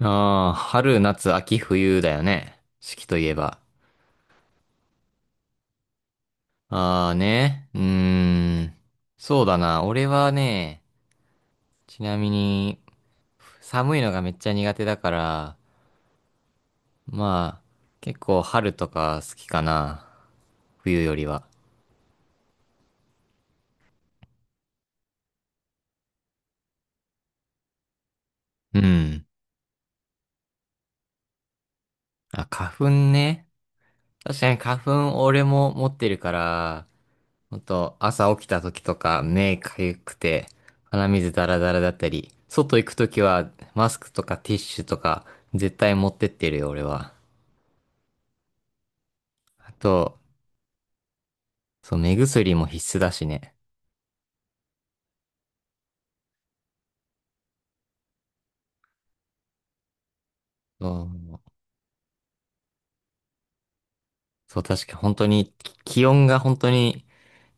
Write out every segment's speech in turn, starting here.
ああ、春、夏、秋、冬だよね。四季といえば。ああね。うーん。そうだな。俺はね、ちなみに、寒いのがめっちゃ苦手だから、まあ、結構春とか好きかな。冬よりは。うん。あ、花粉ね。確かに花粉俺も持ってるから、ほんと、朝起きた時とか目かゆくて鼻水ダラダラだったり、外行く時はマスクとかティッシュとか絶対持ってってるよ、俺は。あと、そう、目薬も必須だしね。そう、そう確か本当に気温が本当に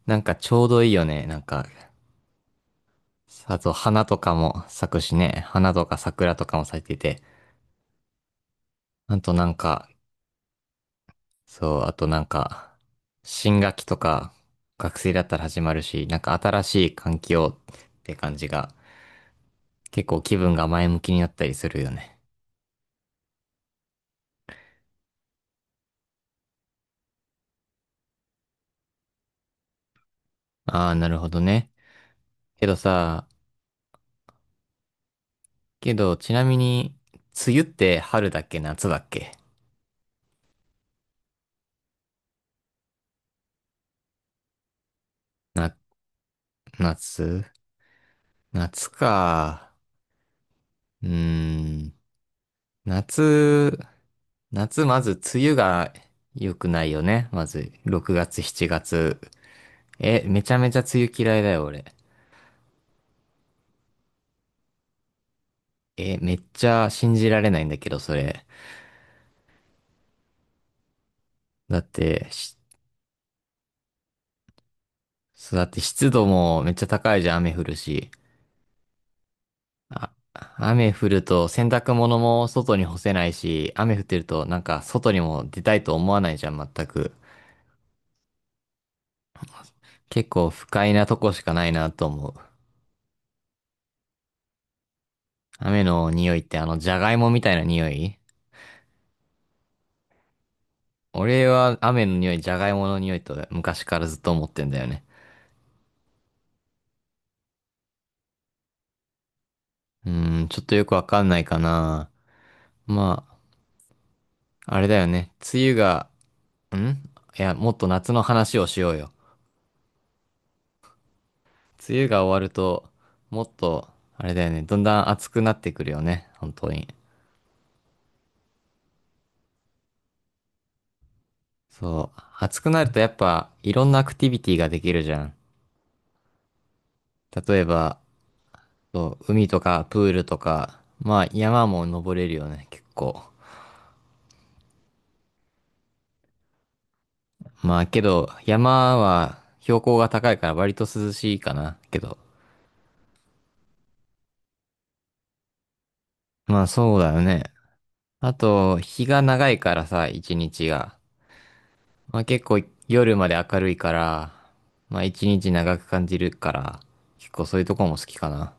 なんかちょうどいいよね。なんか、あと花とかも咲くしね。花とか桜とかも咲いてて。あとなんかそう、あとなんか、新学期とか、学生だったら始まるし、なんか新しい環境って感じが、結構気分が前向きになったりするよね。ああ、なるほどね。けどさ、けど、ちなみに、梅雨って春だっけ夏だっけ？な、夏夏か。うーん。夏、夏まず梅雨が良くないよね。まず、6月、7月。え、めちゃめちゃ梅雨嫌いだよ、俺。え、めっちゃ信じられないんだけど、それ。だって、し、そうだって湿度もめっちゃ高いじゃん、雨降るし。あ、雨降ると洗濯物も外に干せないし、雨降ってるとなんか外にも出たいと思わないじゃん、全く。結構不快なとこしかないなと思う。雨の匂いってあの、じゃがいもみたいな匂い。俺は雨の匂い、じゃがいもの匂いと昔からずっと思ってんだよね。うーん、ちょっとよくわかんないかな。まあ、あれだよね。梅雨がんいや、もっと夏の話をしようよ。梅雨が終わると、もっと、あれだよね、だんだん暑くなってくるよね、本当に。そう、暑くなるとやっぱ、いろんなアクティビティができるじゃん。例えば、そう海とかプールとか、まあ山も登れるよね、結構。まあけど、山は標高が高いから割と涼しいかな、けど。まあそうだよね。あと、日が長いからさ、一日が。まあ結構夜まで明るいから、まあ一日長く感じるから、結構そういうとこも好きかな。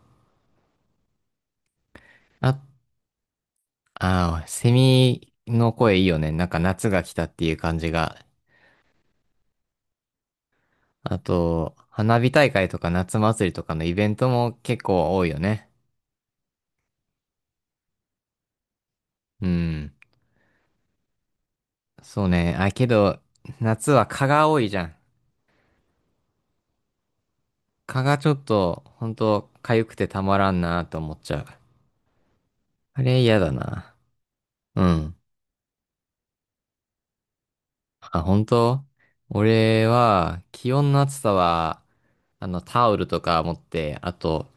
あ、ああ、セミの声いいよね。なんか夏が来たっていう感じが。あと、花火大会とか夏祭りとかのイベントも結構多いよね。うん。そうね。あ、けど、夏は蚊が多いじゃん。蚊がちょっと、ほんと、痒くてたまらんなと思っちゃう。あれ嫌だな。うん。あ、本当。俺は、気温の暑さは、あの、タオルとか持って、あと、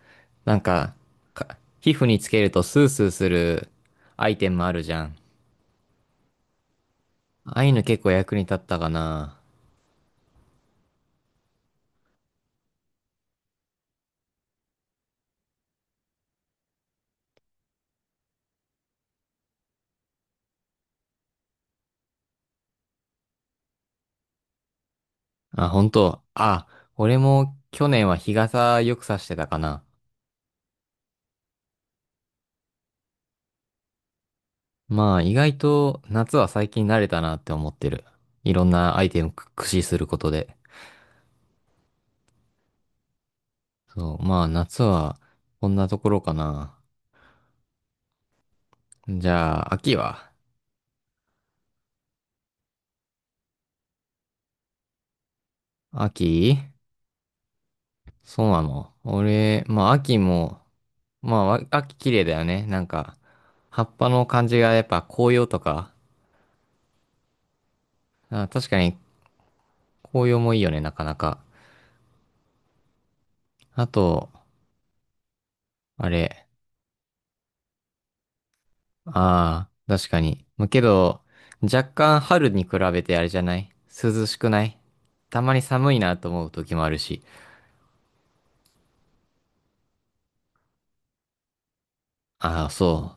なんか、皮膚につけるとスースーするアイテムあるじゃん。ああいうの結構役に立ったかな。あ、本当。あ、俺も去年は日傘よくさしてたかな。まあ、意外と夏は最近慣れたなって思ってる。いろんなアイテム駆使することで。そう、まあ、夏はこんなところかな。じゃあ、秋は？秋、そうなの？俺、まあ秋も、まあ秋綺麗だよね。なんか、葉っぱの感じがやっぱ紅葉とか、あ、確かに紅葉もいいよね、なかなか。あと、あれ、ああ、確かに。まあけど、若干春に比べてあれじゃない？涼しくない？たまに寒いなと思う時もあるし。ああ、そ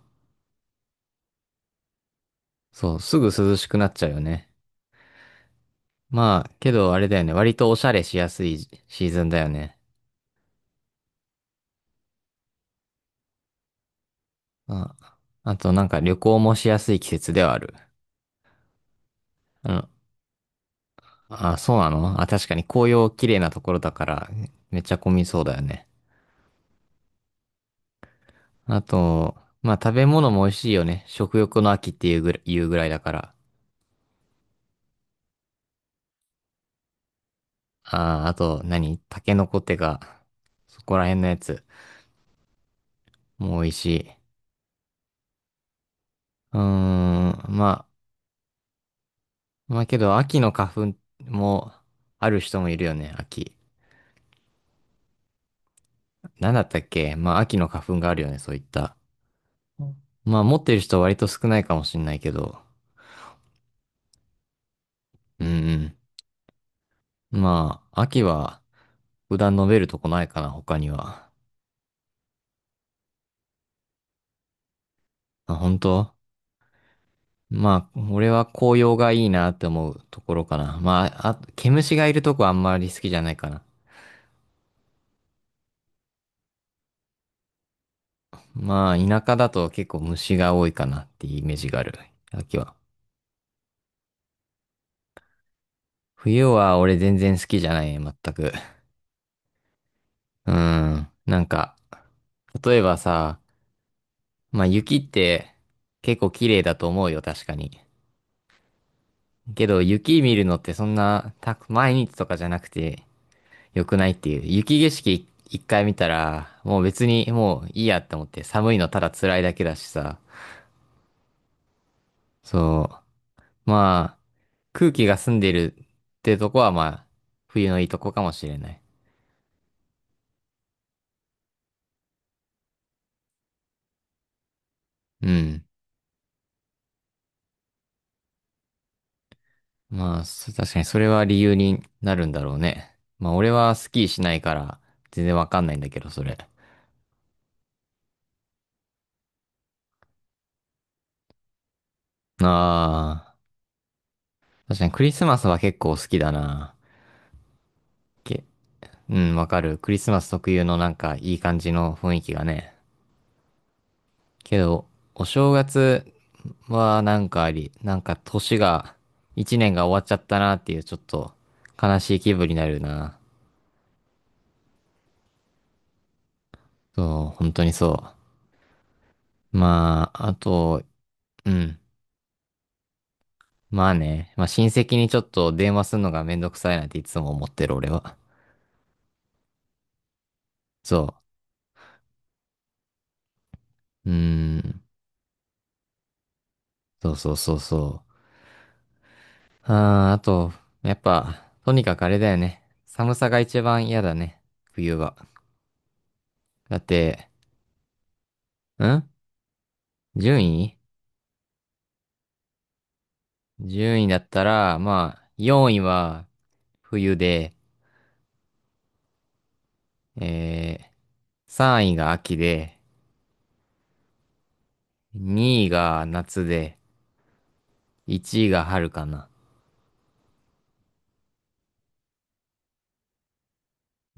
う。そう、すぐ涼しくなっちゃうよね。まあ、けどあれだよね。割とおしゃれしやすいシーズンだよね。あ、あとなんか旅行もしやすい季節ではある。うん。あ、そうなの？あ、確かに紅葉綺麗なところだからめっちゃ混みそうだよね。あと、まあ食べ物も美味しいよね。食欲の秋っていうぐらい、言うぐらいだから。あ、あと何タケノコってか、そこら辺のやつも美味しい。うーん、まあ、まあけど秋の花粉もある人もいるよね、秋。なんだったっけ？まあ秋の花粉があるよね、そういった。まあ持ってる人は割と少ないかもしんないけど。うんうん。まあ、秋は普段述べるとこないかな、他には。あ、本当？まあ、俺は紅葉がいいなって思うところかな。まあ、あ、毛虫がいるとこはあんまり好きじゃないかな。まあ、田舎だと結構虫が多いかなっていうイメージがある。秋は。冬は俺全然好きじゃない、全く。うん。なんか、例えばさ、まあ雪って結構綺麗だと思うよ、確かに。けど、雪見るのってそんな、た、毎日とかじゃなくて、良くないっていう。雪景色一回見たら、もう別にもういいやって思って、寒いのただ辛いだけだしさ。そう。まあ、空気が澄んでるってとこは、まあ、冬のいいとこかもしれない。うん。まあ、確かにそれは理由になるんだろうね。まあ、俺はスキーしないから、全然わかんないんだけど、それ。ああ、確かにクリスマスは結構好きだな。うん、わかる。クリスマス特有のなんかいい感じの雰囲気がね。けど、お正月はなんかあり、なんか年が、一年が終わっちゃったなっていうちょっと悲しい気分になるな。そう、本当にそう。まあ、あと、うん。まあね、まあ親戚にちょっと電話するのがめんどくさいなんていつも思ってる俺は。そう。うーん。そうそうそうそう。あー、あと、やっぱ、とにかくあれだよね。寒さが一番嫌だね。冬は。だって、ん？順位順位だったら、まあ、4位は冬で、え3位が秋で、2位が夏で、1位が春かな。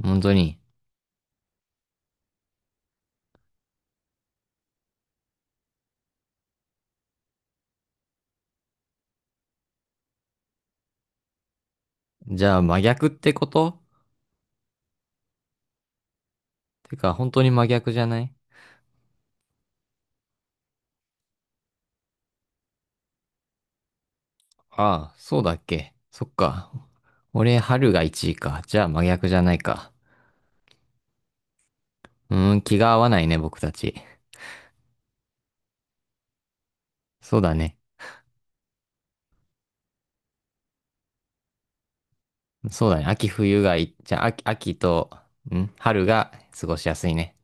本当に。じゃあ真逆ってこと？てか、本当に真逆じゃない？ああ、そうだっけ。そっか。俺、春が1位か。じゃあ真逆じゃないか。うーん、気が合わないね、僕たち。そうだね。そうだね。秋冬がいい、じゃあ秋、秋と、ん、春が過ごしやすいね。